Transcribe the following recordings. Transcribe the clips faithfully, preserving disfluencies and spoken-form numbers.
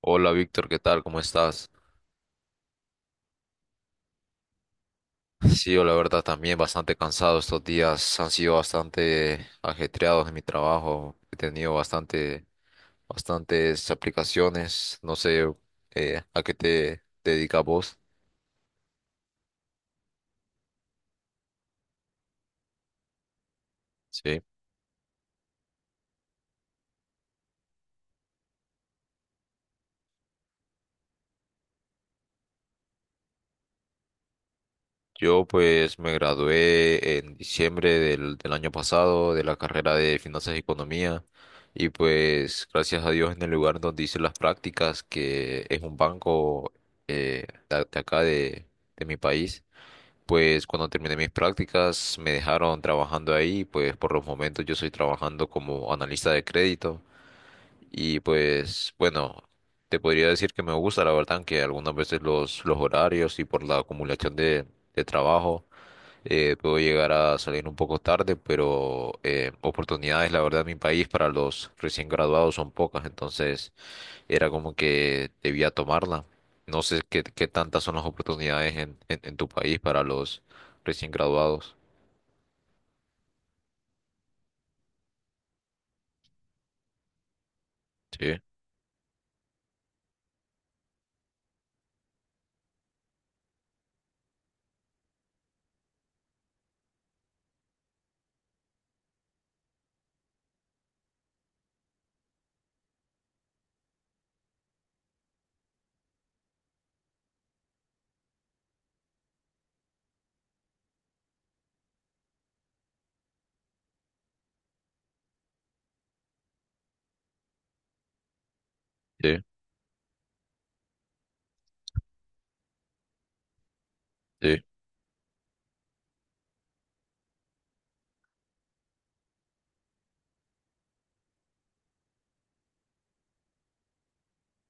Hola Víctor, ¿qué tal? ¿Cómo estás? Sí, yo la verdad también bastante cansado estos días, han sido bastante ajetreados en mi trabajo, he tenido bastante, bastantes aplicaciones, no sé, eh, a qué te dedicas vos. Sí, yo pues me gradué en diciembre del, del año pasado de la carrera de Finanzas y Economía, y pues gracias a Dios, en el lugar donde hice las prácticas, que es un banco, eh, de de acá de de mi país. Pues cuando terminé mis prácticas me dejaron trabajando ahí. Pues por los momentos yo estoy trabajando como analista de crédito y pues bueno, te podría decir que me gusta, la verdad, que algunas veces los, los horarios y por la acumulación de, de trabajo, eh, puedo llegar a salir un poco tarde, pero eh, oportunidades la verdad en mi país para los recién graduados son pocas, entonces era como que debía tomarla. No sé qué, qué tantas son las oportunidades en, en, en tu país para los recién graduados. Sí, sí, sí,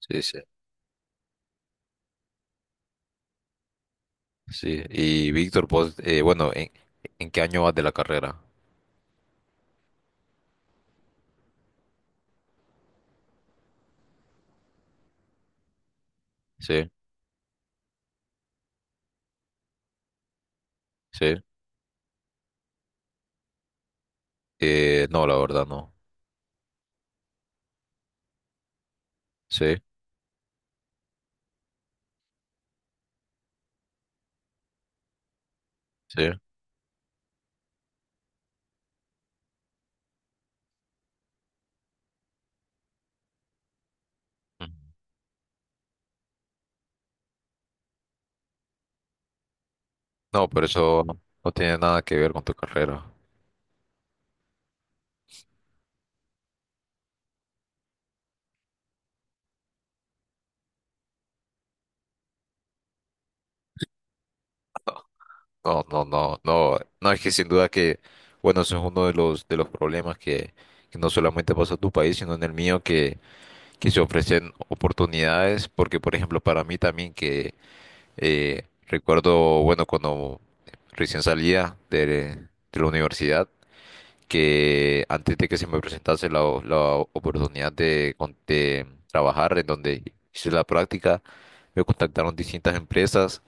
sí, sí. Sí, y Víctor, pues, eh, bueno, ¿en, en qué año vas de la carrera? Sí, sí. Eh, no, la verdad no. Sí, sí. Ujú. No, pero eso no tiene nada que ver con tu carrera. No, no, no, no. No, es que sin duda que, bueno, eso es uno de los, de los problemas que, que no solamente pasa en tu país, sino en el mío, que que se ofrecen oportunidades, porque por ejemplo para mí también que, eh, recuerdo, bueno, cuando recién salía de, de la universidad, que antes de que se me presentase la, o- la oportunidad de, con- de trabajar en donde hice la práctica, me contactaron distintas empresas,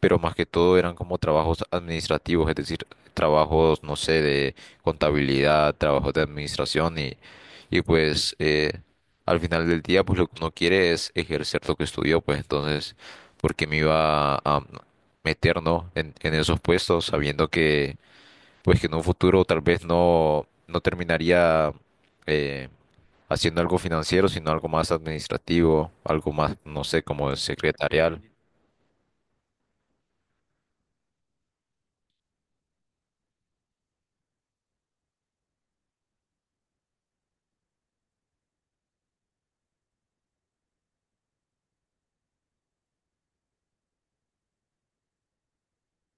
pero más que todo eran como trabajos administrativos, es decir, trabajos, no sé, de contabilidad, trabajos de administración y, y pues eh, al final del día pues lo que uno quiere es ejercer lo que estudió, pues entonces, ¿por qué me iba a meter, no, en, en esos puestos sabiendo que pues que en un futuro tal vez no, no terminaría eh, haciendo algo financiero, sino algo más administrativo, algo más, no sé, como secretarial?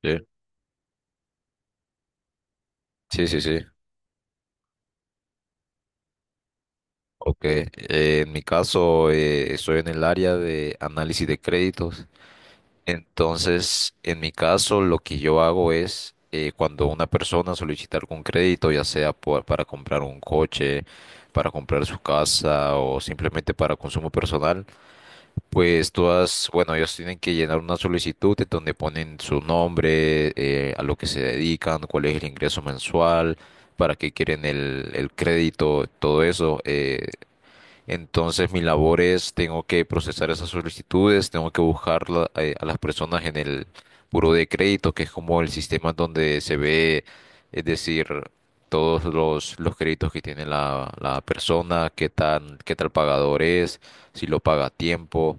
Sí, sí, sí. Sí. Ok, eh, en mi caso eh, estoy en el área de análisis de créditos. Entonces, en mi caso, lo que yo hago es, eh, cuando una persona solicita algún crédito, ya sea por- para comprar un coche, para comprar su casa o simplemente para consumo personal, pues todas, bueno, ellos tienen que llenar una solicitud en donde ponen su nombre, eh, a lo que se dedican, cuál es el ingreso mensual, para qué quieren el, el crédito, todo eso. eh, entonces, mi labor es, tengo que procesar esas solicitudes, tengo que buscar la- eh, a las personas en el buro de crédito, que es como el sistema donde se ve, es decir, todos los, los créditos que tiene la, la persona, qué tan, qué tal pagador es, si lo paga a tiempo,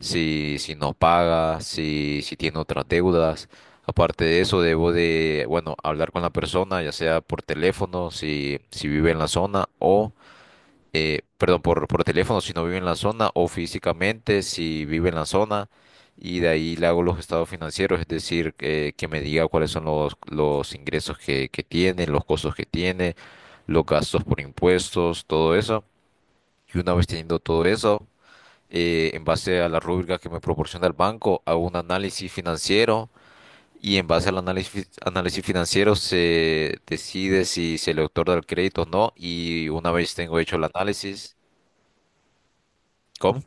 si, si no paga, si, si tiene otras deudas. Aparte de eso, debo de, bueno, hablar con la persona, ya sea por teléfono, si, si vive en la zona, o eh, perdón, por, por teléfono si no vive en la zona o físicamente si vive en la zona, y de ahí le hago los estados financieros, es decir, que, que me diga cuáles son los, los ingresos que, que tiene, los costos que tiene, los gastos por impuestos, todo eso. Y una vez teniendo todo eso, eh, en base a la rúbrica que me proporciona el banco, hago un análisis financiero. Y en base al análisis, análisis financiero se decide si se le otorga el crédito o no. Y una vez tengo hecho el análisis, ¿cómo?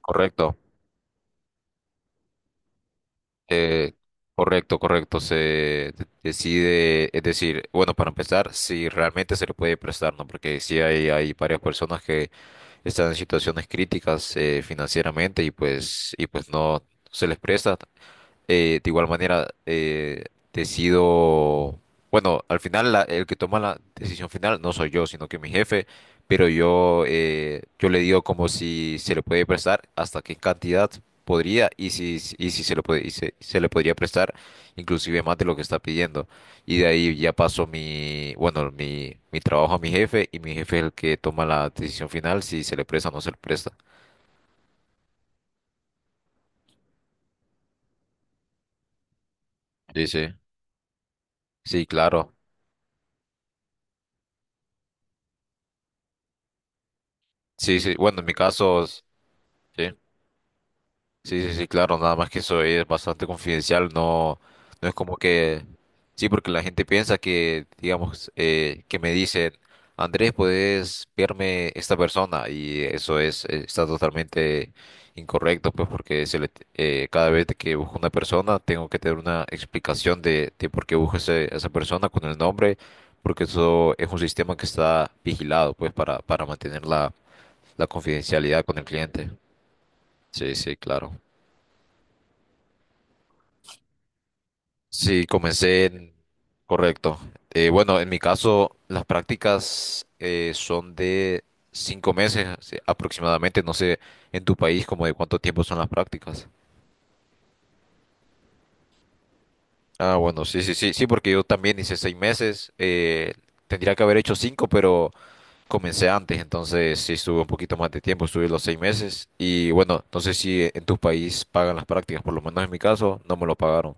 Correcto, eh, correcto, correcto. Se de- decide, es decir, bueno, para empezar, si realmente se le puede prestar, ¿no? Porque sí hay, hay varias personas que están en situaciones críticas eh, financieramente, y pues, y pues no se les presta. eh, de igual manera, eh, decido, bueno, al final la- el que toma la decisión final no soy yo, sino que mi jefe, pero yo, eh, yo le digo como si se le puede prestar, hasta qué cantidad podría y si, y si se le puede, y se, se le podría prestar inclusive más de lo que está pidiendo. Y de ahí ya paso mi, bueno, mi, mi trabajo a mi jefe, y mi jefe es el que toma la decisión final si se le presta o no se le presta. Sí, sí. Sí, claro. Sí, sí. Bueno, en mi caso, sí. Sí, sí, sí, claro, nada más que eso es bastante confidencial, no, no es como que, sí, porque la gente piensa que, digamos, eh, que me dicen, Andrés, puedes verme esta persona, y eso es, eh, está totalmente incorrecto, pues porque se le, eh, cada vez que busco una persona tengo que tener una explicación de, de por qué busco ese- a esa persona con el nombre, porque eso es un sistema que está vigilado, pues, para, para mantener la, la confidencialidad con el cliente. Sí, sí, claro. Sí, comencé en... Correcto. Eh, bueno, en mi caso, las prácticas eh, son de cinco meses, sí, aproximadamente. No sé, en tu país, como de cuánto tiempo son las prácticas. Ah, bueno, sí, sí, sí, sí, porque yo también hice seis meses. eh, tendría que haber hecho cinco, pero comencé antes, entonces sí estuve un poquito más de tiempo, estuve los seis meses. Y bueno, no sé si en tu país pagan las prácticas, por lo menos en mi caso, no me lo pagaron.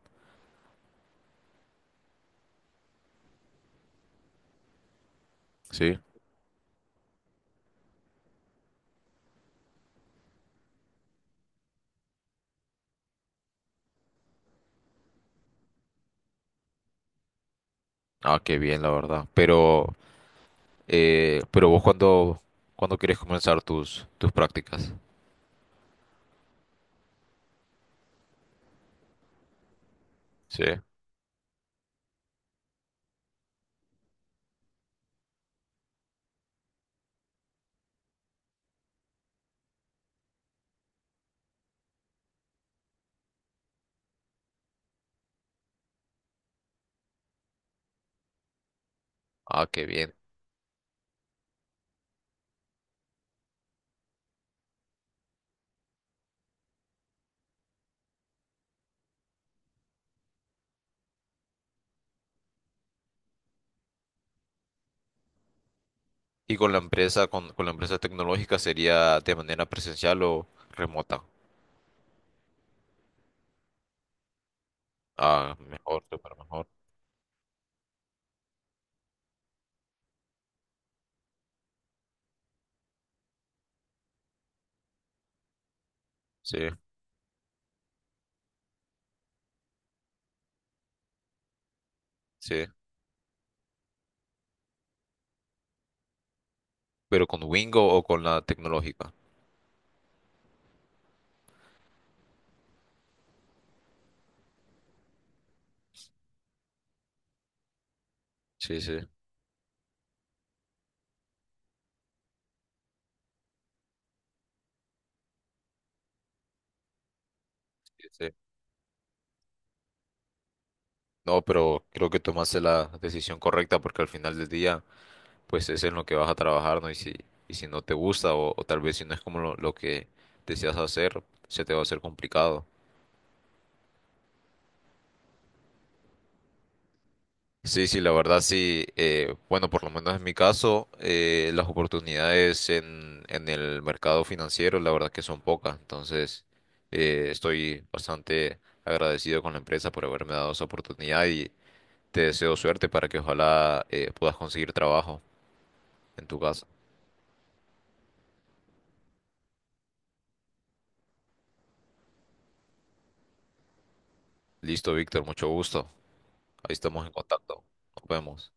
Sí. Ah, qué bien, la verdad. Pero, Eh, pero vos cuando, cuando quieres comenzar tus, tus prácticas. Sí. Ah, qué bien. ¿Y con la empresa, con, con la empresa tecnológica sería de manera presencial o remota? Ah, mejor, súper mejor. Sí, sí. Pero ¿con Wingo o con la tecnológica? Sí, sí, sí, sí. No, pero creo que tomaste la decisión correcta porque al final del día, pues es en lo que vas a trabajar, ¿no? Y si, y si no te gusta o, o tal vez si no es como lo, lo que deseas hacer, se te va a hacer complicado. Sí, sí, la verdad sí. eh, bueno, por lo menos en mi caso, eh, las oportunidades en, en el mercado financiero, la verdad que son pocas. Entonces, eh, estoy bastante agradecido con la empresa por haberme dado esa oportunidad, y te deseo suerte para que ojalá eh, puedas conseguir trabajo en tu casa. Listo, Víctor, mucho gusto. Ahí estamos en contacto. Nos vemos.